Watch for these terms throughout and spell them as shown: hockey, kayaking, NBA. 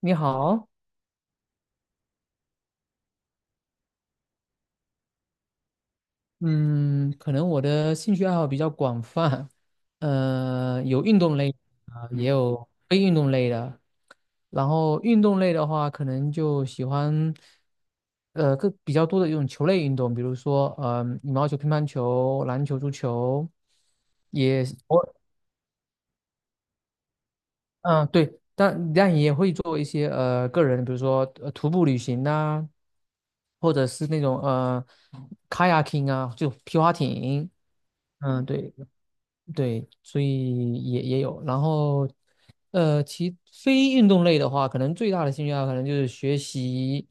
你好，嗯，可能我的兴趣爱好比较广泛，有运动类的啊，也有非运动类的。然后运动类的话，可能就喜欢，更比较多的一种球类运动，比如说，羽毛球、乒乓球、篮球、足球，也我，嗯，对，但也会做一些个人，比如说徒步旅行呐、或者是那种kayaking 啊，就皮划艇，嗯，对。对，所以也有。然后，其非运动类的话，可能最大的兴趣爱好可能就是学习，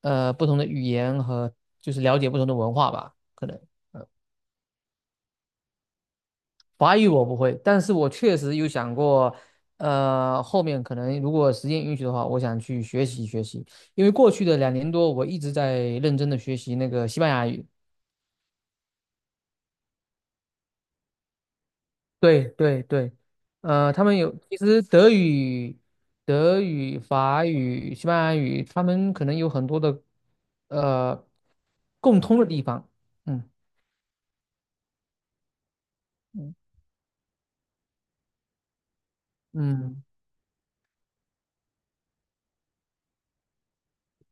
不同的语言和就是了解不同的文化吧。可能法语我不会，但是我确实有想过，后面可能如果时间允许的话，我想去学习学习。因为过去的2年多，我一直在认真的学习那个西班牙语。对对对，他们有，其实德语、法语、西班牙语，他们可能有很多的呃共通的地方。嗯嗯嗯，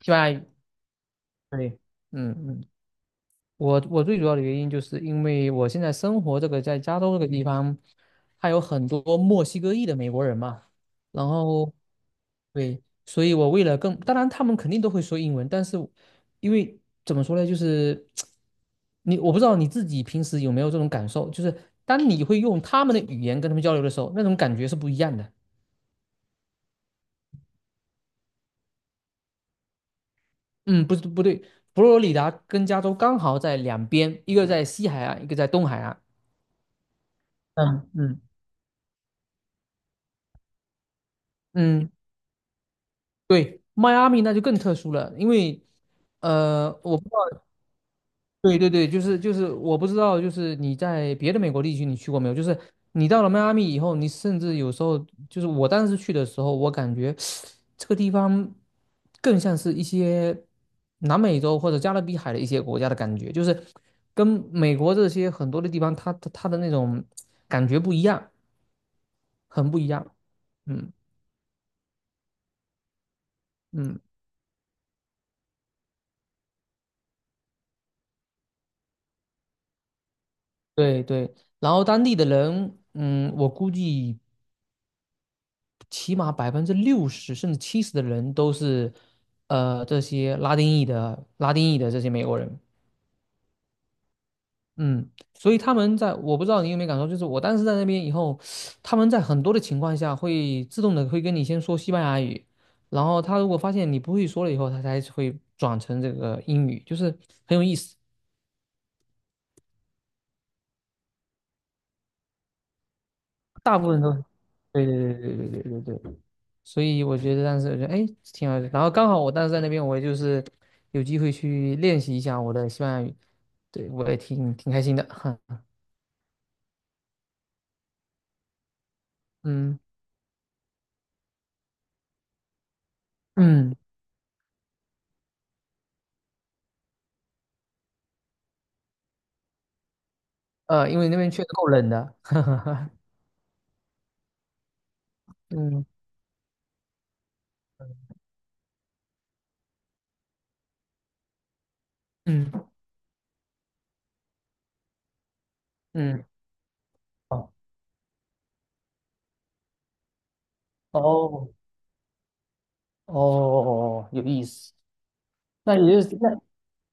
西班牙语，对，嗯嗯，我最主要的原因就是因为我现在生活这个在加州这个地方。还有很多墨西哥裔的美国人嘛，然后对，所以我为了更，当然他们肯定都会说英文，但是因为怎么说呢，就是我不知道你自己平时有没有这种感受，就是当你会用他们的语言跟他们交流的时候，那种感觉是不一样的。嗯，不对，佛罗里达跟加州刚好在两边，一个在西海岸，一个在东海岸。嗯嗯嗯，对，迈阿密那就更特殊了，因为呃，我对对对，就是，我不知道，就是你在别的美国地区你去过没有？就是你到了迈阿密以后，你甚至有时候就是我当时去的时候，我感觉这个地方更像是一些南美洲或者加勒比海的一些国家的感觉，就是跟美国这些很多的地方，它的那种感觉不一样，很不一样。嗯嗯，对对。然后当地的人，我估计。起码60%甚至70的人都是，这些拉丁裔的这些美国人，嗯，所以他们在我不知道你有没有感受，就是我当时在那边以后，他们在很多的情况下会自动的会跟你先说西班牙语，然后他如果发现你不会说了以后，他才会转成这个英语，就是很有意思，大部分都，对对对对对对对对。所以我觉得哎挺好的，然后刚好我当时在那边，我也就是有机会去练习一下我的西班牙语，对我也挺开心的，嗯嗯因为那边确实够冷的，嗯嗯嗯，哦哦哦，哦有意思。那也就是那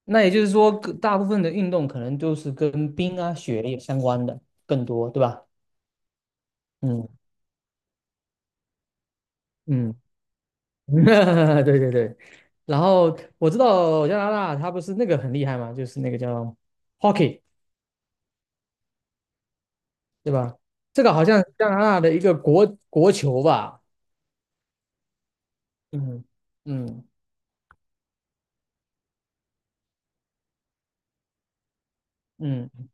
那也就是说，各大部分的运动可能都是跟冰啊雪也相关的更多，对吧？嗯嗯。对对对，然后我知道加拿大它不是那个很厉害嘛，就是那个叫 hockey，对吧？这个好像是加拿大的一个国球吧？嗯嗯嗯。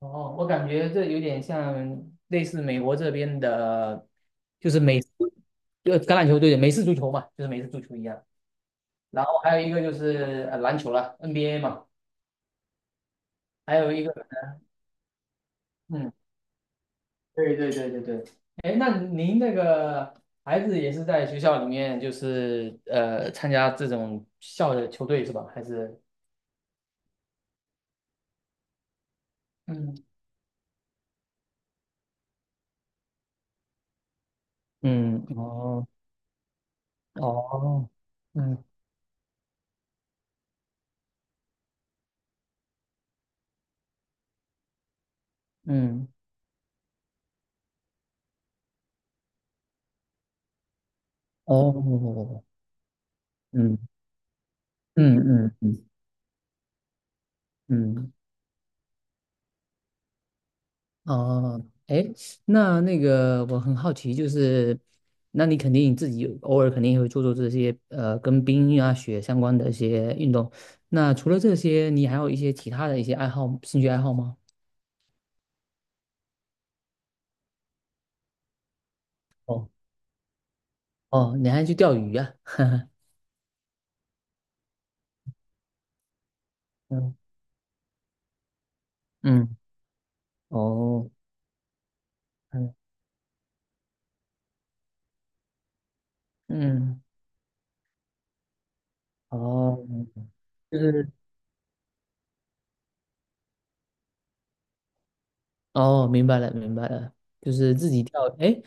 哦，我感觉这有点像类似美国这边的，就是美式就橄榄球队的美式足球嘛，就是美式足球一样。然后还有一个就是篮球了，NBA 嘛，还有一个嗯对对对对对，哎，那您那个孩子也是在学校里面，就是参加这种校的球队是吧？还是嗯嗯，哦哦，嗯嗯哦，嗯嗯嗯嗯嗯，哦，哎，那那个我很好奇，就是那你肯定自己偶尔肯定也会做做这些跟冰啊雪相关的一些运动，那除了这些，你还有一些其他的一些爱好、兴趣爱好吗？哦哦，你还去钓鱼呀、嗯嗯，哦，嗯嗯，哦，就是哦，明白了明白了，就是自己钓。哎，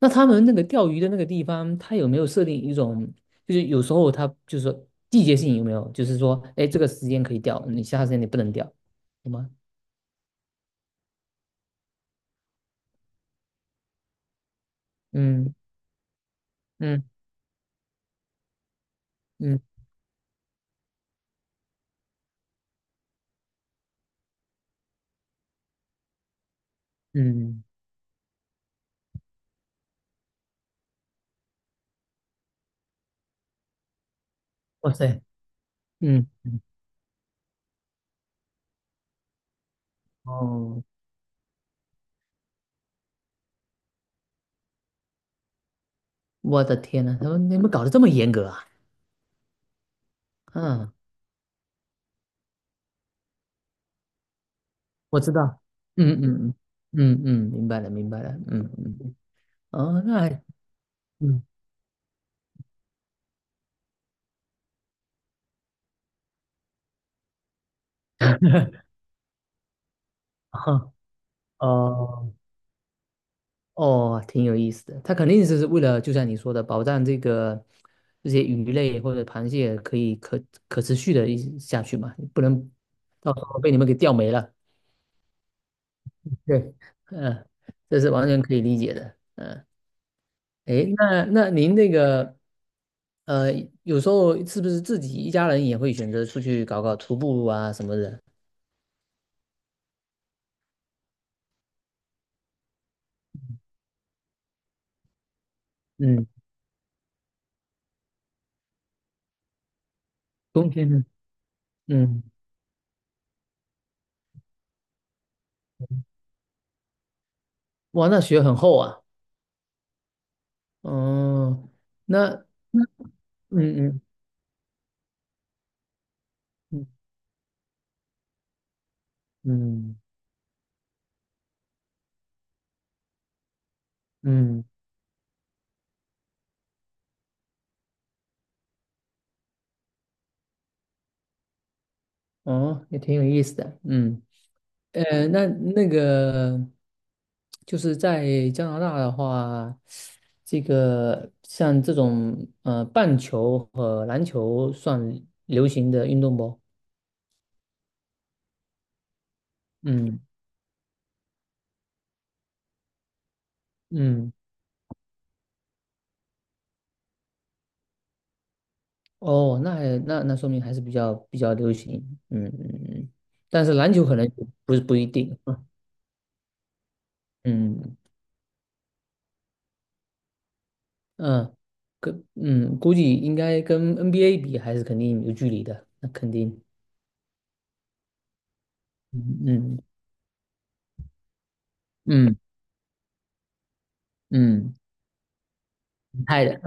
那他们那个钓鱼的那个地方，他有没有设定一种，就是有时候他就是说季节性有没有，就是说，哎，这个时间可以钓，你其他时间你不能钓，有吗？嗯嗯嗯嗯，哇塞，嗯嗯，哦，我的天呐，你们搞得这么严格啊？嗯我知道，嗯嗯嗯嗯嗯，明白了明白了，嗯嗯，哦，那还嗯哈哦哦，挺有意思的。他肯定是为了，就像你说的，保障这些鱼类或者螃蟹可以可持续的一下去嘛，不能到时候被你们给钓没了。对，嗯，这是完全可以理解的。嗯，诶，那您那个呃，有时候是不是自己一家人也会选择出去搞搞徒步啊什么的？嗯。冬天呢？嗯，哇，那雪很厚啊，哦，那，嗯嗯嗯嗯嗯，哦，也挺有意思的，嗯，那那个就是在加拿大的话，这个像这种棒球和篮球算流行的运动不？嗯嗯，哦，那还那说明还是比较流行，嗯嗯嗯，但是篮球可能不一定，嗯。嗯嗯，估计应该跟 NBA 比还是肯定有距离的，那肯定，嗯嗯嗯嗯，太的，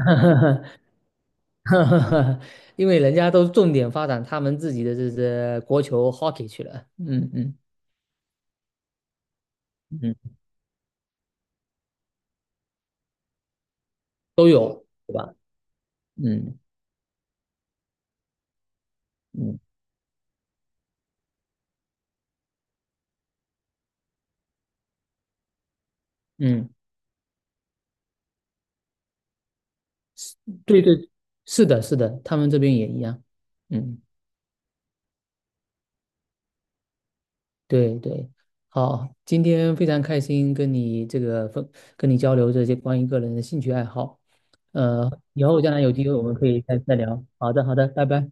因为人家都重点发展他们自己的这国球 hockey 去了，嗯嗯嗯，都有，嗯嗯嗯，是对对，是的，是的，他们这边也一样，嗯。对对，好，今天非常开心跟你交流这些关于个人的兴趣爱好，以后将来有机会我们可以再聊。好的，好的，拜拜。